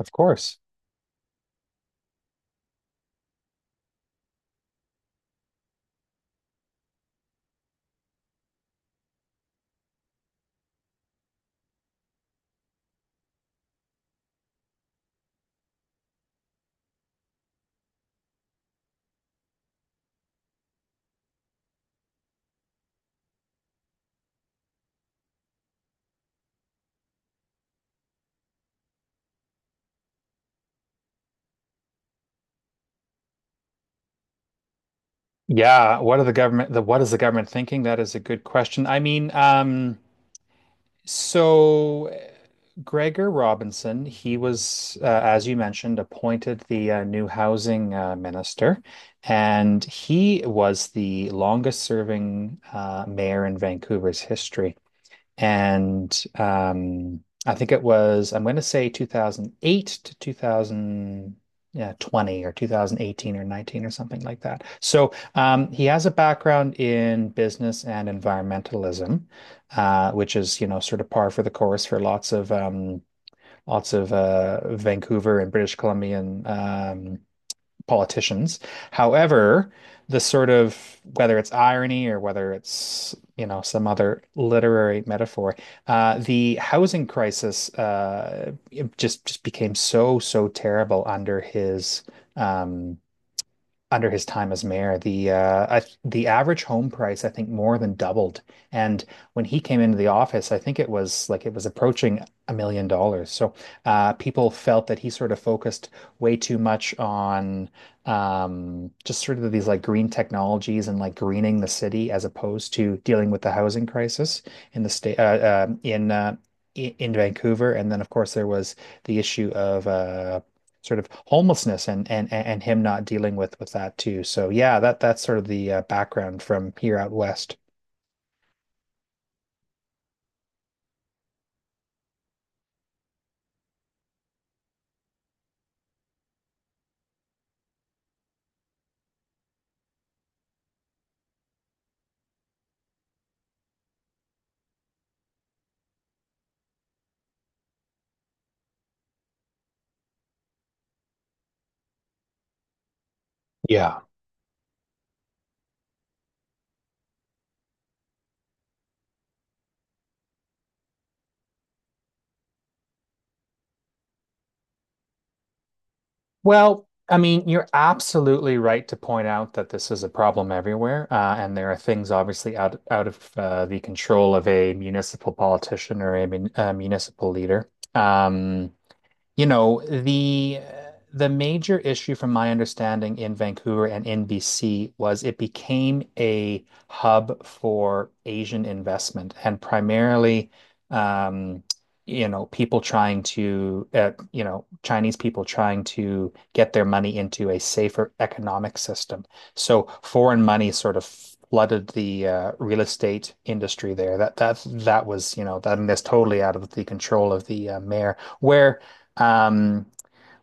Of course. Yeah. What is the government thinking? That is a good question. So uh, Gregor Robinson, he was, as you mentioned, appointed the new housing minister, and he was the longest serving mayor in Vancouver's history. And I think it was, I'm going to say 2008 to 2000, yeah, 20 or 2018 or 19 or something like that. So he has a background in business and environmentalism, which is, you know, sort of par for the course for lots of Vancouver and British Columbian politicians. However, the sort of, whether it's irony or whether it's, you know, some other literary metaphor, the housing crisis, it just became so terrible um, under his time as mayor. The average home price I think more than doubled. And when he came into the office, I think it was like it was approaching $1 million. So people felt that he sort of focused way too much on just sort of these like green technologies and like greening the city, as opposed to dealing with the housing crisis in the state uh, um in uh, in Vancouver. And then of course there was the issue of sort of homelessness and him not dealing with that too. So yeah, that that's sort of the background from here out west. Yeah. Well, I mean, you're absolutely right to point out that this is a problem everywhere, and there are things obviously out of the control of a municipal politician or a municipal leader. You know, the major issue from my understanding in Vancouver and in BC was it became a hub for Asian investment and primarily, um, you know, people trying to, you know, Chinese people trying to get their money into a safer economic system. So foreign money sort of flooded the real estate industry there. That was, you know, that, and that's totally out of the control of the mayor. Where um,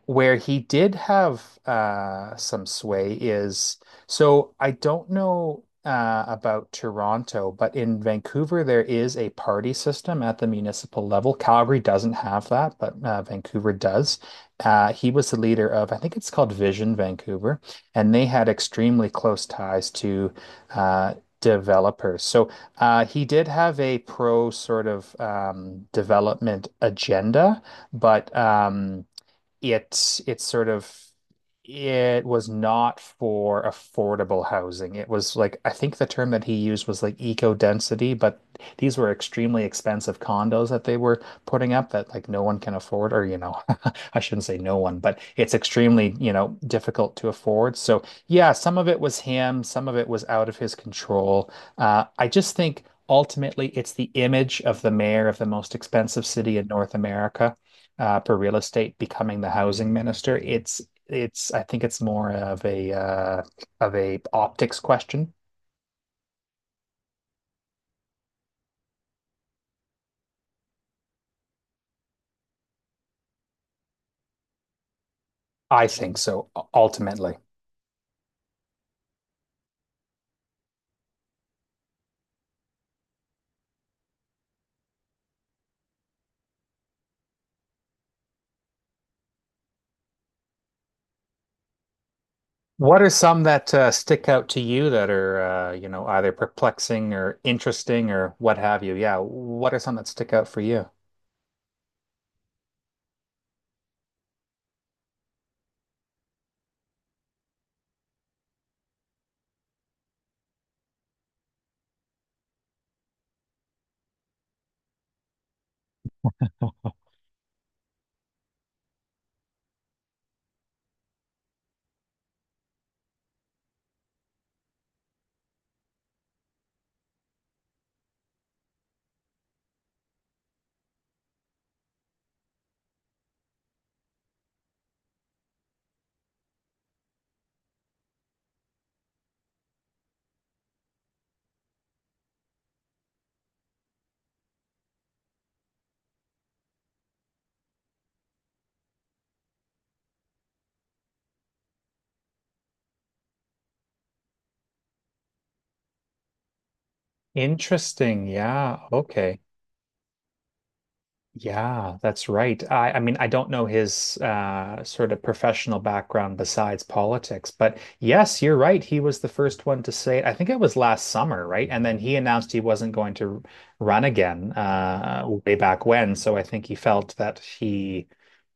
where he did have some sway is, so I don't know about Toronto, but in Vancouver there is a party system at the municipal level. Calgary doesn't have that, but Vancouver does. He was the leader of, I think it's called, Vision Vancouver, and they had extremely close ties to uh, developers. So he did have a pro sort of development agenda, but it's sort of, it was not for affordable housing. It was like, I think the term that he used was like eco density, but these were extremely expensive condos that they were putting up that like no one can afford, or you know, I shouldn't say no one, but it's extremely, you know, difficult to afford. So yeah, some of it was him, some of it was out of his control. I just think ultimately it's the image of the mayor of the most expensive city in North America, for real estate, becoming the housing minister. It's I think it's more of a optics question. I think so, ultimately. What are some that stick out to you that are, you know, either perplexing or interesting or what have you? Yeah, what are some that stick out for you? Interesting. Yeah. Okay. Yeah, that's right. I mean, I don't know his sort of professional background besides politics, but yes, you're right. He was the first one to say it. I think it was last summer, right? And then he announced he wasn't going to run again, way back when. So I think he felt that he,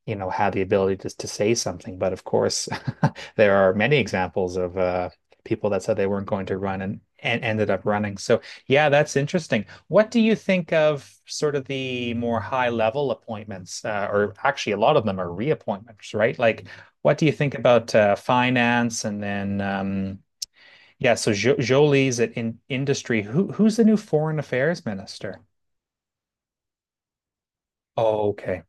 you know, had the ability to say something. But of course, there are many examples of people that said they weren't going to run and ended up running. So yeah, that's interesting. What do you think of sort of the more high level appointments, or actually a lot of them are reappointments, right? Like, what do you think about finance? And then, yeah, so jo Jolie's at in industry. Who's the new foreign affairs minister? Oh, okay,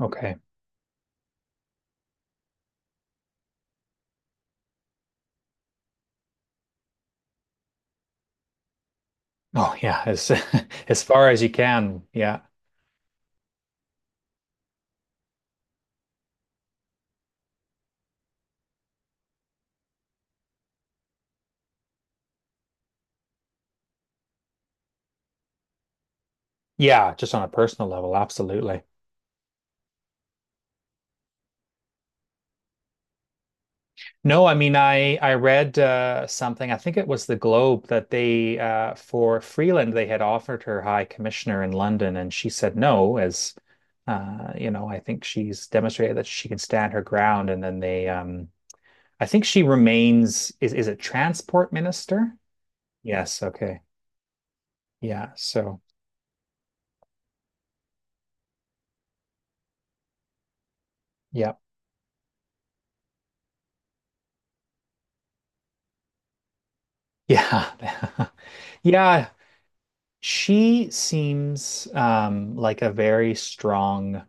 okay. Oh, yeah, as as far as you can. Yeah, yeah, just on a personal level, absolutely. No, I mean, I read something. I think it was the Globe that they, for Freeland, they had offered her High Commissioner in London, and she said no. As you know, I think she's demonstrated that she can stand her ground. And then they, I think she remains. Is it Transport Minister? Yes. Okay. Yeah. So yeah, yeah, yeah. She seems like a very strong,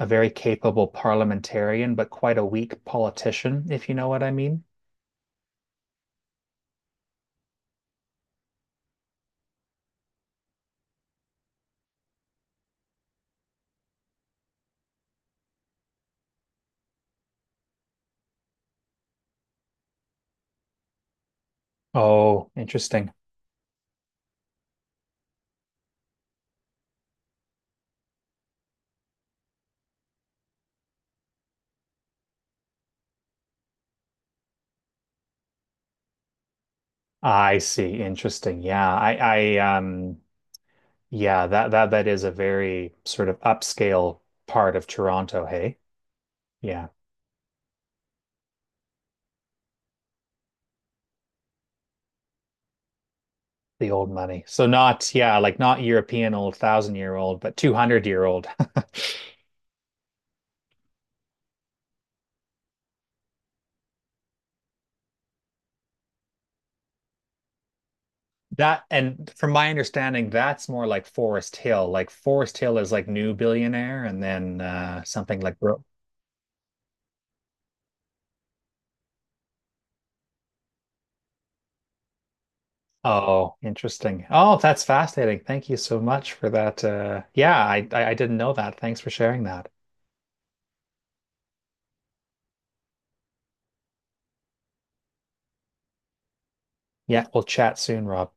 a very capable parliamentarian, but quite a weak politician, if you know what I mean. Oh, interesting. I see. Interesting. Yeah. Yeah, that, that, that is a very sort of upscale part of Toronto. Hey, yeah, the old money. So not, yeah, like not European old, thousand year old, but 200-year-old. That, and from my understanding, that's more like Forest Hill. Like Forest Hill is like new billionaire, and then something like Bro— Oh, interesting. Oh, that's fascinating. Thank you so much for that. Yeah, I I didn't know that. Thanks for sharing that. Yeah, we'll chat soon, Rob.